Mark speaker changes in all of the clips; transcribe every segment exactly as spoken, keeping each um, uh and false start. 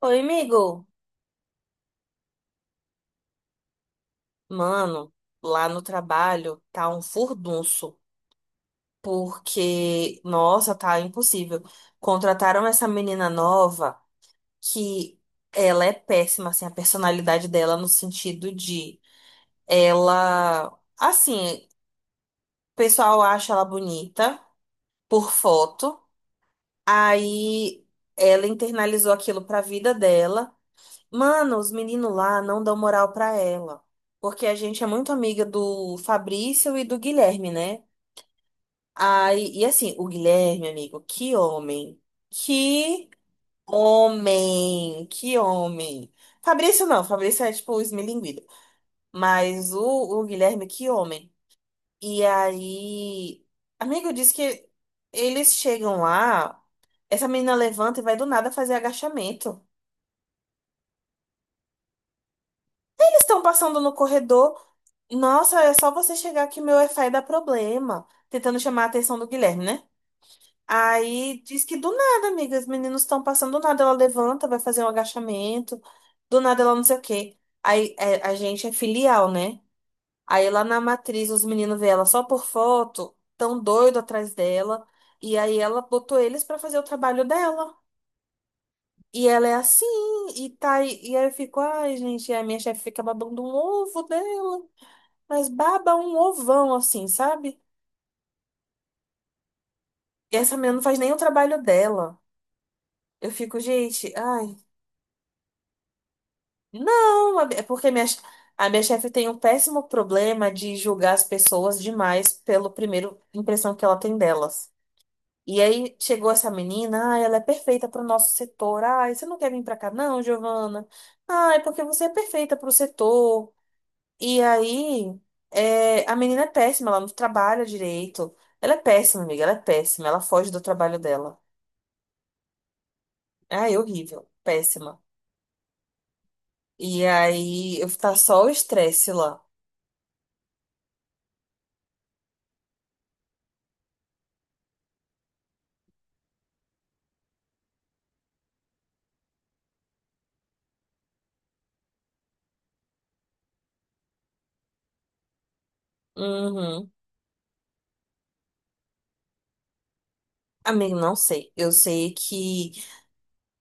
Speaker 1: Oi, amigo. Mano, lá no trabalho tá um furdunço, porque, nossa, tá impossível. Contrataram essa menina nova que ela é péssima, assim, a personalidade dela no sentido de ela, assim, o pessoal acha ela bonita por foto, aí ela internalizou aquilo pra vida dela. Mano, os meninos lá não dão moral pra ela. Porque a gente é muito amiga do Fabrício e do Guilherme, né? Aí, e assim, o Guilherme, amigo, que homem. Que homem. Que homem. Fabrício não, Fabrício é tipo o esmilinguido. Mas o, o Guilherme, que homem. E aí, amigo, diz que eles chegam lá, essa menina levanta e vai do nada fazer agachamento. Eles estão passando no corredor. Nossa, é só você chegar que meu Wi-Fi dá problema. Tentando chamar a atenção do Guilherme, né? Aí diz que do nada, amiga, os meninos estão passando, do nada ela levanta, vai fazer um agachamento, do nada ela não sei o quê. Aí é, a gente é filial, né? Aí lá na matriz os meninos vê ela só por foto, tão doido atrás dela, e aí ela botou eles pra fazer o trabalho dela. E ela é assim, e tá, aí- e aí eu fico, ai, gente, a minha chefe fica babando um ovo dela. Mas baba um ovão, assim, sabe? E essa menina não faz nem o trabalho dela. Eu fico, gente, ai, não, é porque minha, che- a minha chefe tem um péssimo problema de julgar as pessoas demais pelo primeiro impressão que ela tem delas. E aí chegou essa menina, ai, ela é perfeita para o nosso setor. Ai, você não quer vir para cá, não, Giovana? Ai, porque você é perfeita para o setor. E aí, é, a menina é péssima, ela não trabalha direito. Ela é péssima, amiga, ela é péssima, ela foge do trabalho dela. Ai, horrível. Péssima. E aí, eu tá só o estresse lá. Uhum. Amigo, não sei. Eu sei que,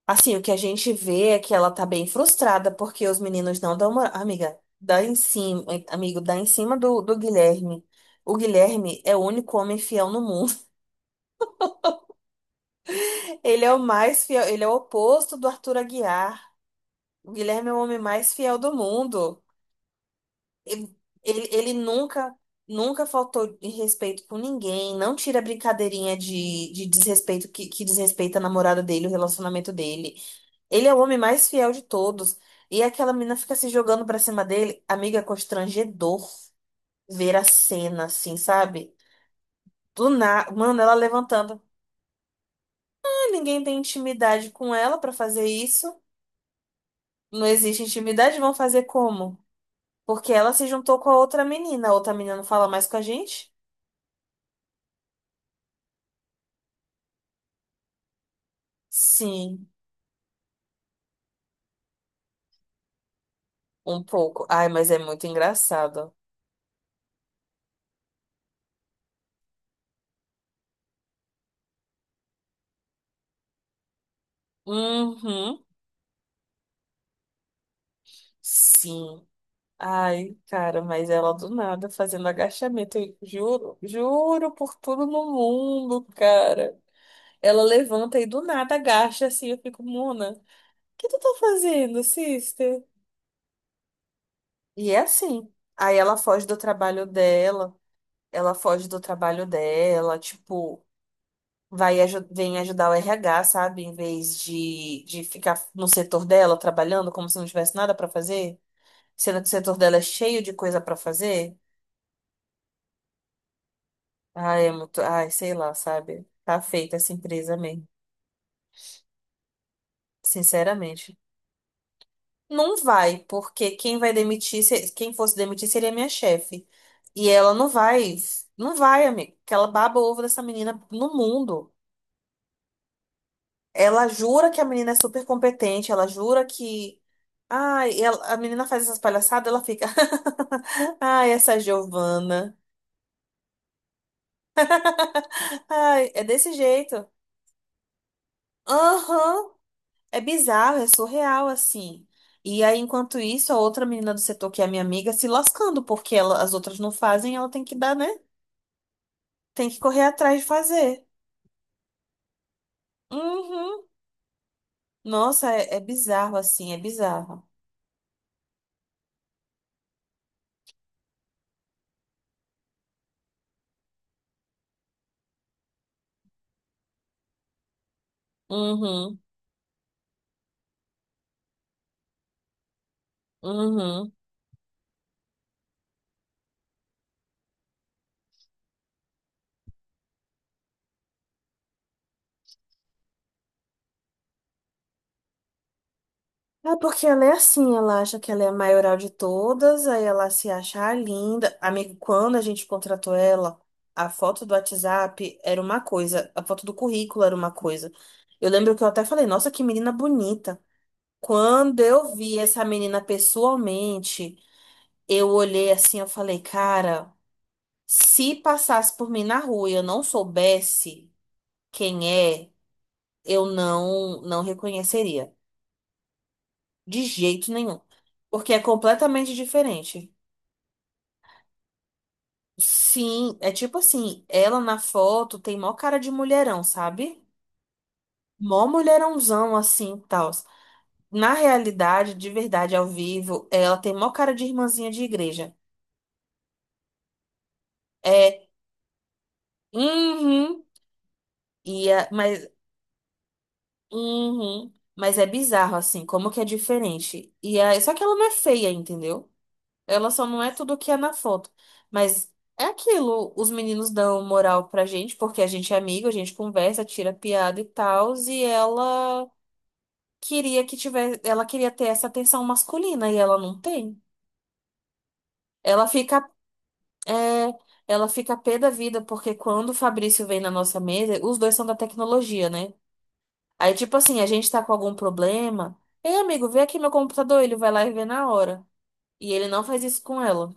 Speaker 1: assim, o que a gente vê é que ela tá bem frustrada porque os meninos não dão uma... Amiga, dá em cima, amigo, dá em cima do, do Guilherme. O Guilherme é o único homem fiel no mundo. Ele é o mais fiel, ele é o oposto do Arthur Aguiar. O Guilherme é o homem mais fiel do mundo. Ele, ele ele nunca, nunca faltou em respeito com ninguém, não tira brincadeirinha de, de desrespeito que, que desrespeita a namorada dele, o relacionamento dele. Ele é o homem mais fiel de todos. E aquela menina fica se jogando pra cima dele. Amiga, é constrangedor ver a cena, assim, sabe? Do nada, mano, ela levantando. Ah, ninguém tem intimidade com ela pra fazer isso. Não existe intimidade, vão fazer como? Porque ela se juntou com a outra menina. A outra menina não fala mais com a gente? Sim. Um pouco. Ai, mas é muito engraçado. Uhum. Sim. Ai, cara, mas ela do nada fazendo agachamento. Eu juro, juro por tudo no mundo, cara. Ela levanta e do nada agacha assim. Eu fico, Mona, o que tu tá fazendo, sister? E é assim. Aí ela foge do trabalho dela. Ela foge do trabalho dela, tipo. Vai, aju- vem ajudar o R H, sabe? Em vez de, de ficar no setor dela trabalhando como se não tivesse nada pra fazer, sendo que o setor dela é cheio de coisa pra fazer. Ai, é muito, ai, sei lá, sabe? Tá feita essa empresa mesmo, sinceramente. Não vai, porque quem vai demitir, se- quem fosse demitir seria minha chefe. E ela não vai, não vai, amigo, porque ela baba o ovo dessa menina no mundo. Ela jura que a menina é super competente, ela jura que ai, ela- a menina faz essas palhaçadas, ela fica. Ai, essa Giovana. Ai, é desse jeito. Aham. É bizarro, é surreal, assim. E aí, enquanto isso, a outra menina do setor, que é a minha amiga, se lascando, porque ela- as outras não fazem, ela tem que dar, né? Tem que correr atrás de fazer. Uhum. Nossa, é, é bizarro, assim, é bizarro. Uhum. Uhum. É porque ela é assim, ela acha que ela é a maioral de todas, aí ela se acha a linda. Amigo, quando a gente contratou ela, a foto do WhatsApp era uma coisa, a foto do currículo era uma coisa. Eu lembro que eu até falei, nossa, que menina bonita. Quando eu vi essa menina pessoalmente, eu olhei assim, eu falei, cara, se passasse por mim na rua e eu não soubesse quem é, eu não, não reconheceria. De jeito nenhum. Porque é completamente diferente. Sim, é tipo assim, ela na foto tem mó cara de mulherão, sabe? Mó mulherãozão assim, tal. Na realidade, de verdade, ao vivo, ela tem mó cara de irmãzinha de igreja. É, uhum, e é, mas, uhum, mas é bizarro assim, como que é diferente. E é, só que ela não é feia, entendeu? Ela só não é tudo o que é na foto. Mas é aquilo, os meninos dão moral pra gente, porque a gente é amigo, a gente conversa, tira piada e tal, e ela queria que tivesse, ela queria ter essa atenção masculina e ela não tem. Ela fica, é, ela fica pé da vida, porque quando o Fabrício vem na nossa mesa, os dois são da tecnologia, né? Aí, tipo assim, a gente tá com algum problema. Ei, amigo, vê aqui meu computador, ele vai lá e vê na hora. E ele não faz isso com ela.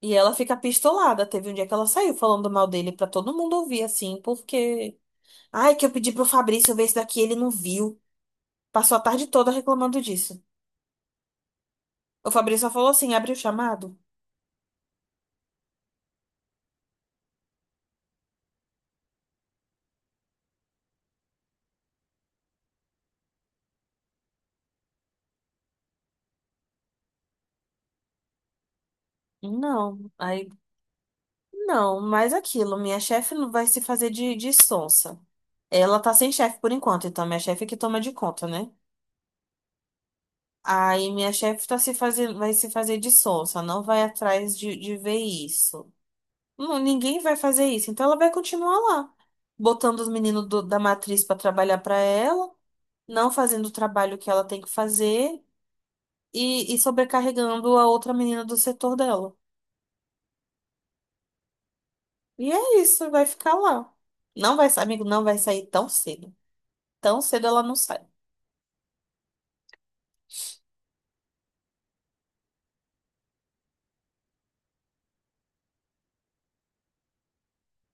Speaker 1: E ela fica pistolada. Teve um dia que ela saiu falando mal dele pra todo mundo ouvir, assim, porque. Ai, que eu pedi pro Fabrício ver isso daqui, ele não viu. Passou a tarde toda reclamando disso. O Fabrício só falou assim: abre o chamado? Não. Aí, não, mas aquilo, minha chefe não vai se fazer de, de sonsa. Ela tá sem chefe por enquanto, então minha chefe é que toma de conta, né? Aí minha chefe tá se fazendo, vai se fazer de sonsa, não vai atrás de, de ver isso. Não, ninguém vai fazer isso. Então ela vai continuar lá, botando os meninos do- da matriz para trabalhar para ela, não fazendo o trabalho que ela tem que fazer e, e sobrecarregando a outra menina do setor dela. E é isso, vai ficar lá. Não vai, sa- amigo, não vai sair tão cedo. Tão cedo ela não sai.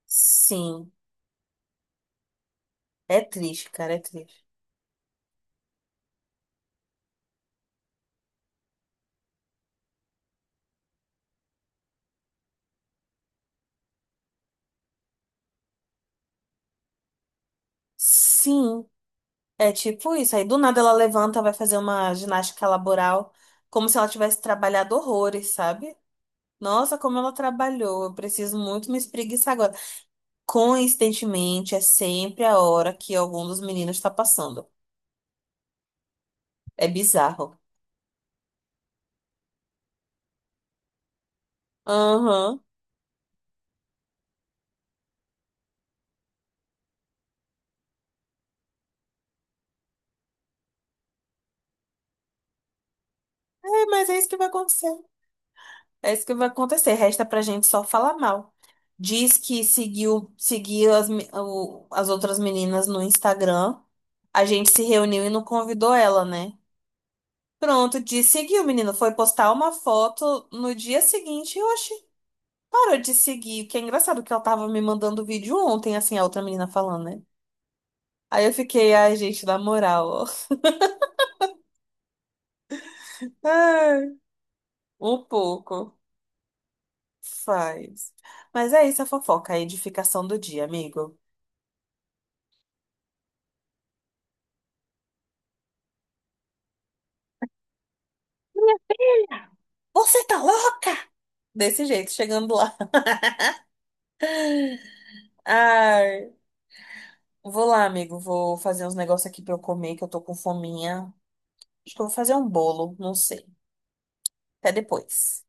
Speaker 1: Sim, é triste, cara, é triste. Sim, é tipo isso. Aí do nada ela levanta, vai fazer uma ginástica laboral, como se ela tivesse trabalhado horrores, sabe? Nossa, como ela trabalhou. Eu preciso muito me espreguiçar agora. Coincidentemente, é sempre a hora que algum dos meninos está passando. É bizarro. Aham. É, mas é isso que vai acontecer. É isso que vai acontecer. Resta pra gente só falar mal. Diz que seguiu, seguiu as, me- o- as outras meninas no Instagram. A gente se reuniu e não convidou ela, né? Pronto, disse seguiu, menino. Foi postar uma foto no dia seguinte. Oxi. Parou de seguir, que é engraçado que ela tava me mandando vídeo ontem, assim, a outra menina falando, né? Aí eu fiquei, ai, gente, na moral, ó. Ai, um pouco. Faz. Mas é isso a fofoca, a edificação do dia, amigo. Você tá louca? Desse jeito, chegando lá. Ai, vou lá, amigo. Vou fazer uns negócios aqui pra eu comer, que eu tô com fominha. Acho que eu vou fazer um bolo, não sei. Até depois.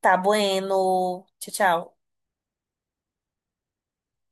Speaker 1: Tá bueno. Tchau, tchau.